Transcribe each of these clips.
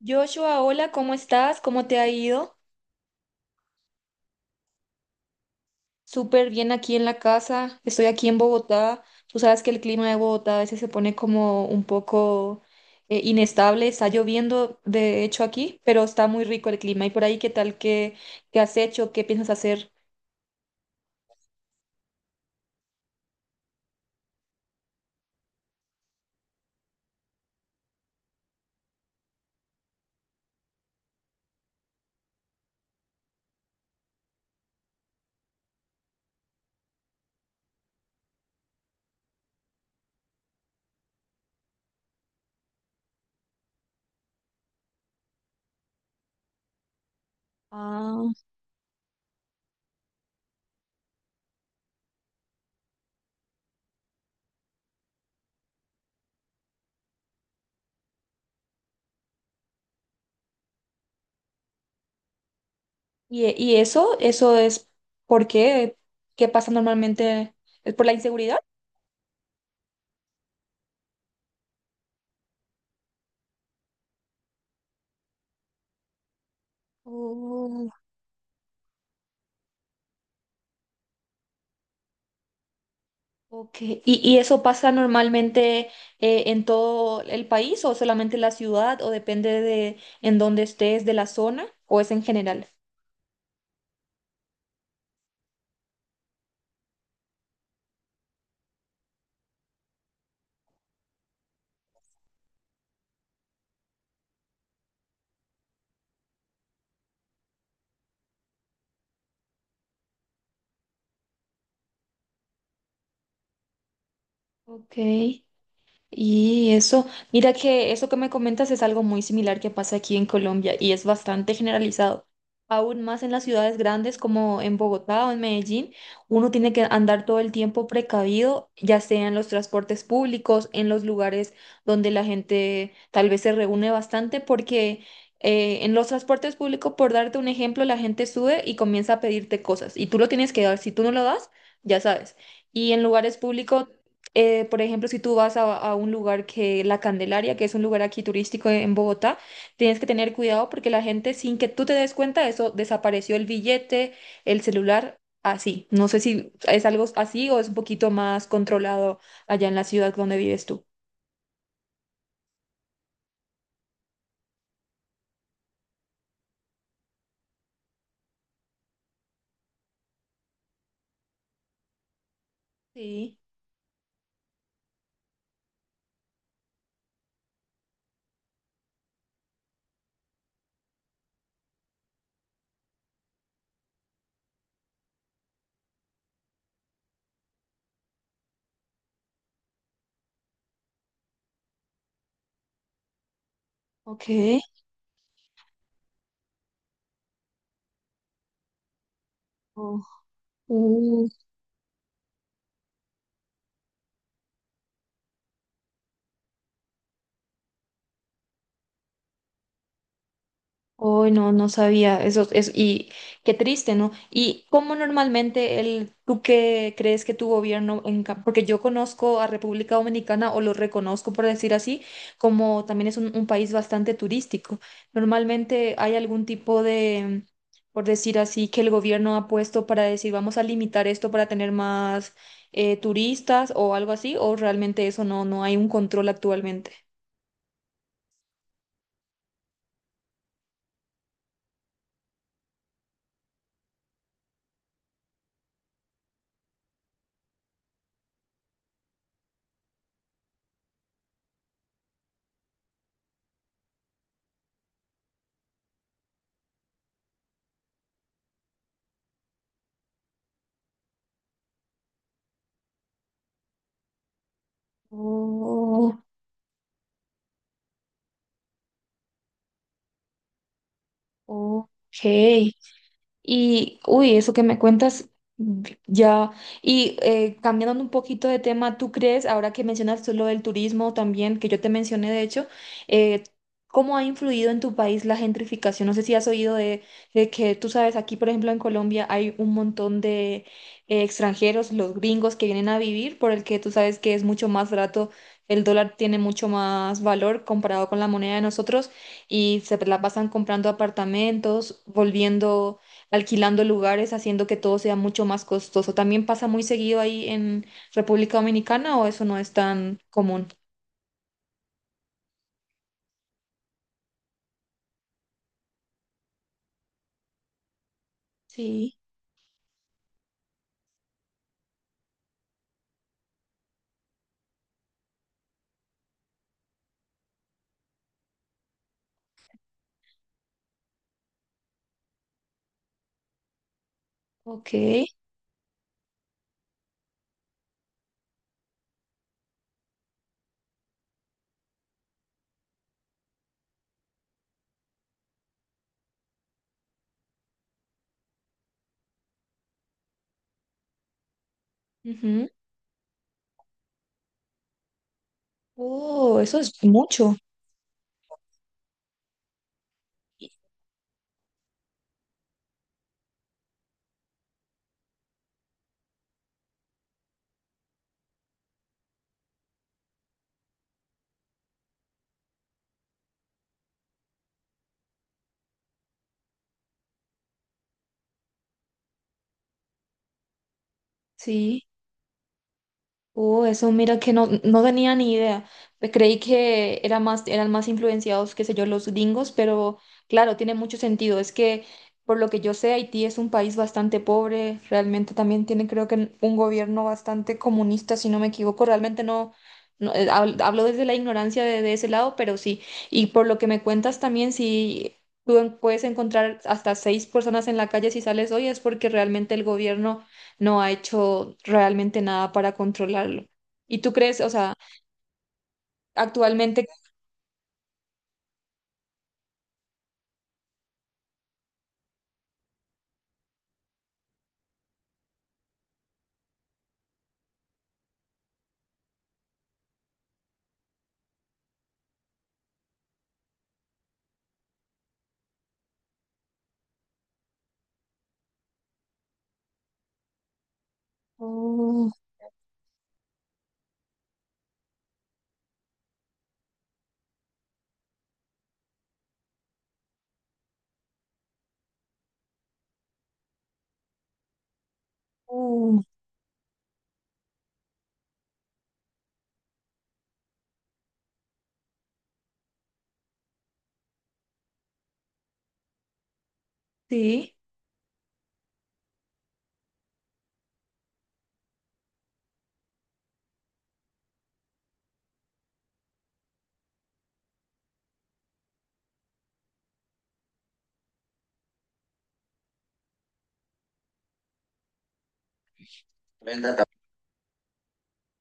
Joshua, hola, ¿cómo estás? ¿Cómo te ha ido? Súper bien aquí en la casa. Estoy aquí en Bogotá. Tú sabes que el clima de Bogotá a veces se pone como un poco inestable. Está lloviendo, de hecho, aquí, pero está muy rico el clima. ¿Y por ahí qué tal? ¿Qué has hecho? ¿Qué piensas hacer? Ah, y, y eso es ¿por qué? ¿Qué pasa normalmente? ¿Es por la inseguridad? Ok. ¿Y eso pasa normalmente, ¿en todo el país o solamente en la ciudad, o depende de en dónde estés, de la zona, o es en general? Ok. Y eso, mira que eso que me comentas es algo muy similar que pasa aquí en Colombia y es bastante generalizado. Aún más en las ciudades grandes como en Bogotá o en Medellín, uno tiene que andar todo el tiempo precavido, ya sea en los transportes públicos, en los lugares donde la gente tal vez se reúne bastante, porque en los transportes públicos, por darte un ejemplo, la gente sube y comienza a pedirte cosas y tú lo tienes que dar. Si tú no lo das, ya sabes. Y en lugares públicos, por ejemplo, si tú vas a un lugar que La Candelaria, que es un lugar aquí turístico en Bogotá, tienes que tener cuidado porque la gente, sin que tú te des cuenta, eso desapareció el billete, el celular, así. No sé si es algo así o es un poquito más controlado allá en la ciudad donde vives tú. Sí, ok. Oh. Oh, no, no sabía eso, es y qué triste, ¿no? ¿Y cómo normalmente el, tú qué crees que tu gobierno, en, ca- porque yo conozco a República Dominicana o lo reconozco por decir así, como también es un país bastante turístico. Normalmente hay algún tipo de, por decir así, que el gobierno ha puesto para decir, vamos a limitar esto para tener más turistas o algo así, o realmente eso no, no hay un control actualmente. Oh, ok. Y, uy, eso que me cuentas, ya. Y cambiando un poquito de tema, ¿tú crees, ahora que mencionas tú lo del turismo también, que yo te mencioné de hecho, eh, cómo ha influido en tu país la gentrificación? No sé si has oído de que tú sabes, aquí por ejemplo en Colombia hay un montón de extranjeros, los gringos que vienen a vivir, por el que tú sabes que es mucho más barato, el dólar tiene mucho más valor comparado con la moneda de nosotros y se la pasan comprando apartamentos, volviendo alquilando lugares, haciendo que todo sea mucho más costoso. ¿También pasa muy seguido ahí en República Dominicana o eso no es tan común? Sí, ok. Ujú. Oh, eso es mucho. Sí. Oh, eso mira que no, no tenía ni idea. Pues creí que era más, eran más influenciados, qué sé yo, los gringos, pero claro, tiene mucho sentido. Es que, por lo que yo sé, Haití es un país bastante pobre, realmente también tiene, creo que, un gobierno bastante comunista, si no me equivoco. Realmente no, no, hab- hablo desde la ignorancia de ese lado, pero sí. Y por lo que me cuentas también, si tú en- puedes encontrar hasta 6 personas en la calle si sales hoy, es porque realmente el gobierno no ha hecho realmente nada para controlarlo. ¿Y tú crees, o sea, actualmente... Oh, oh, sí,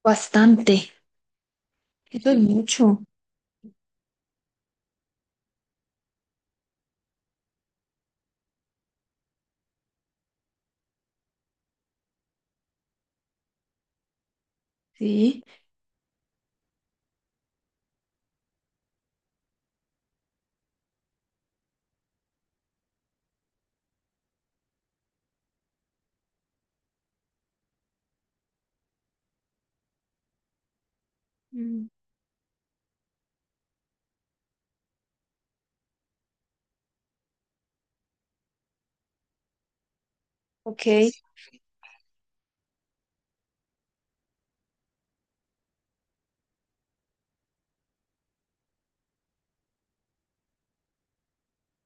bastante. Eso es mucho, sí. Mm, ok,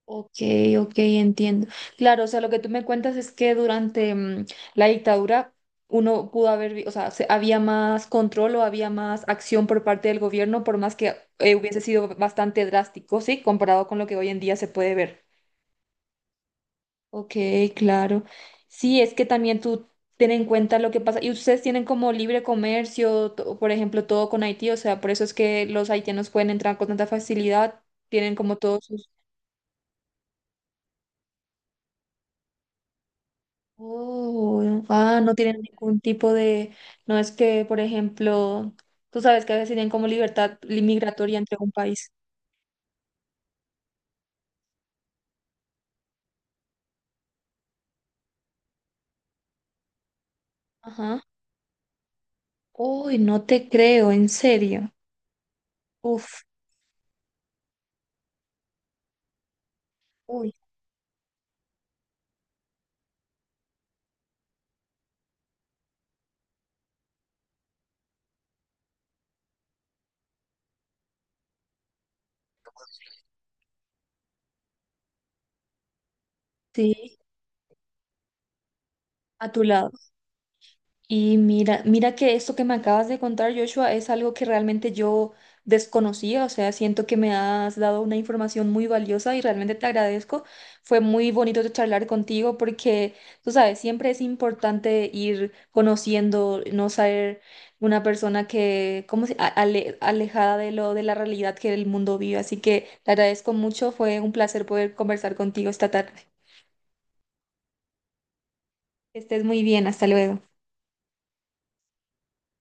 ok, ok, entiendo. Claro, o sea, lo que tú me cuentas es que durante mm, la dictadura uno pudo haber, vi- o sea, se- había más control o había más acción por parte del gobierno, por más que hubiese sido bastante drástico, sí, comparado con lo que hoy en día se puede ver. Ok, claro. Sí, es que también tú ten en cuenta lo que pasa. Y ustedes tienen como libre comercio, to- por ejemplo, todo con Haití, o sea, por eso es que los haitianos pueden entrar con tanta facilidad, tienen como todos sus... Oh, ah, no tienen ningún tipo de... No es que, por ejemplo, tú sabes que a veces tienen como libertad li- migratoria entre un país. Ajá. Uy, no te creo, en serio. Uf, uy, sí, a tu lado. Y mira, mira que esto que me acabas de contar, Joshua, es algo que realmente yo desconocía, o sea, siento que me has dado una información muy valiosa y realmente te agradezco. Fue muy bonito charlar contigo porque, tú sabes, siempre es importante ir conociendo, no ser una persona que, como alejada de lo de la realidad que el mundo vive. Así que te agradezco mucho, fue un placer poder conversar contigo esta tarde. Que estés muy bien, hasta luego.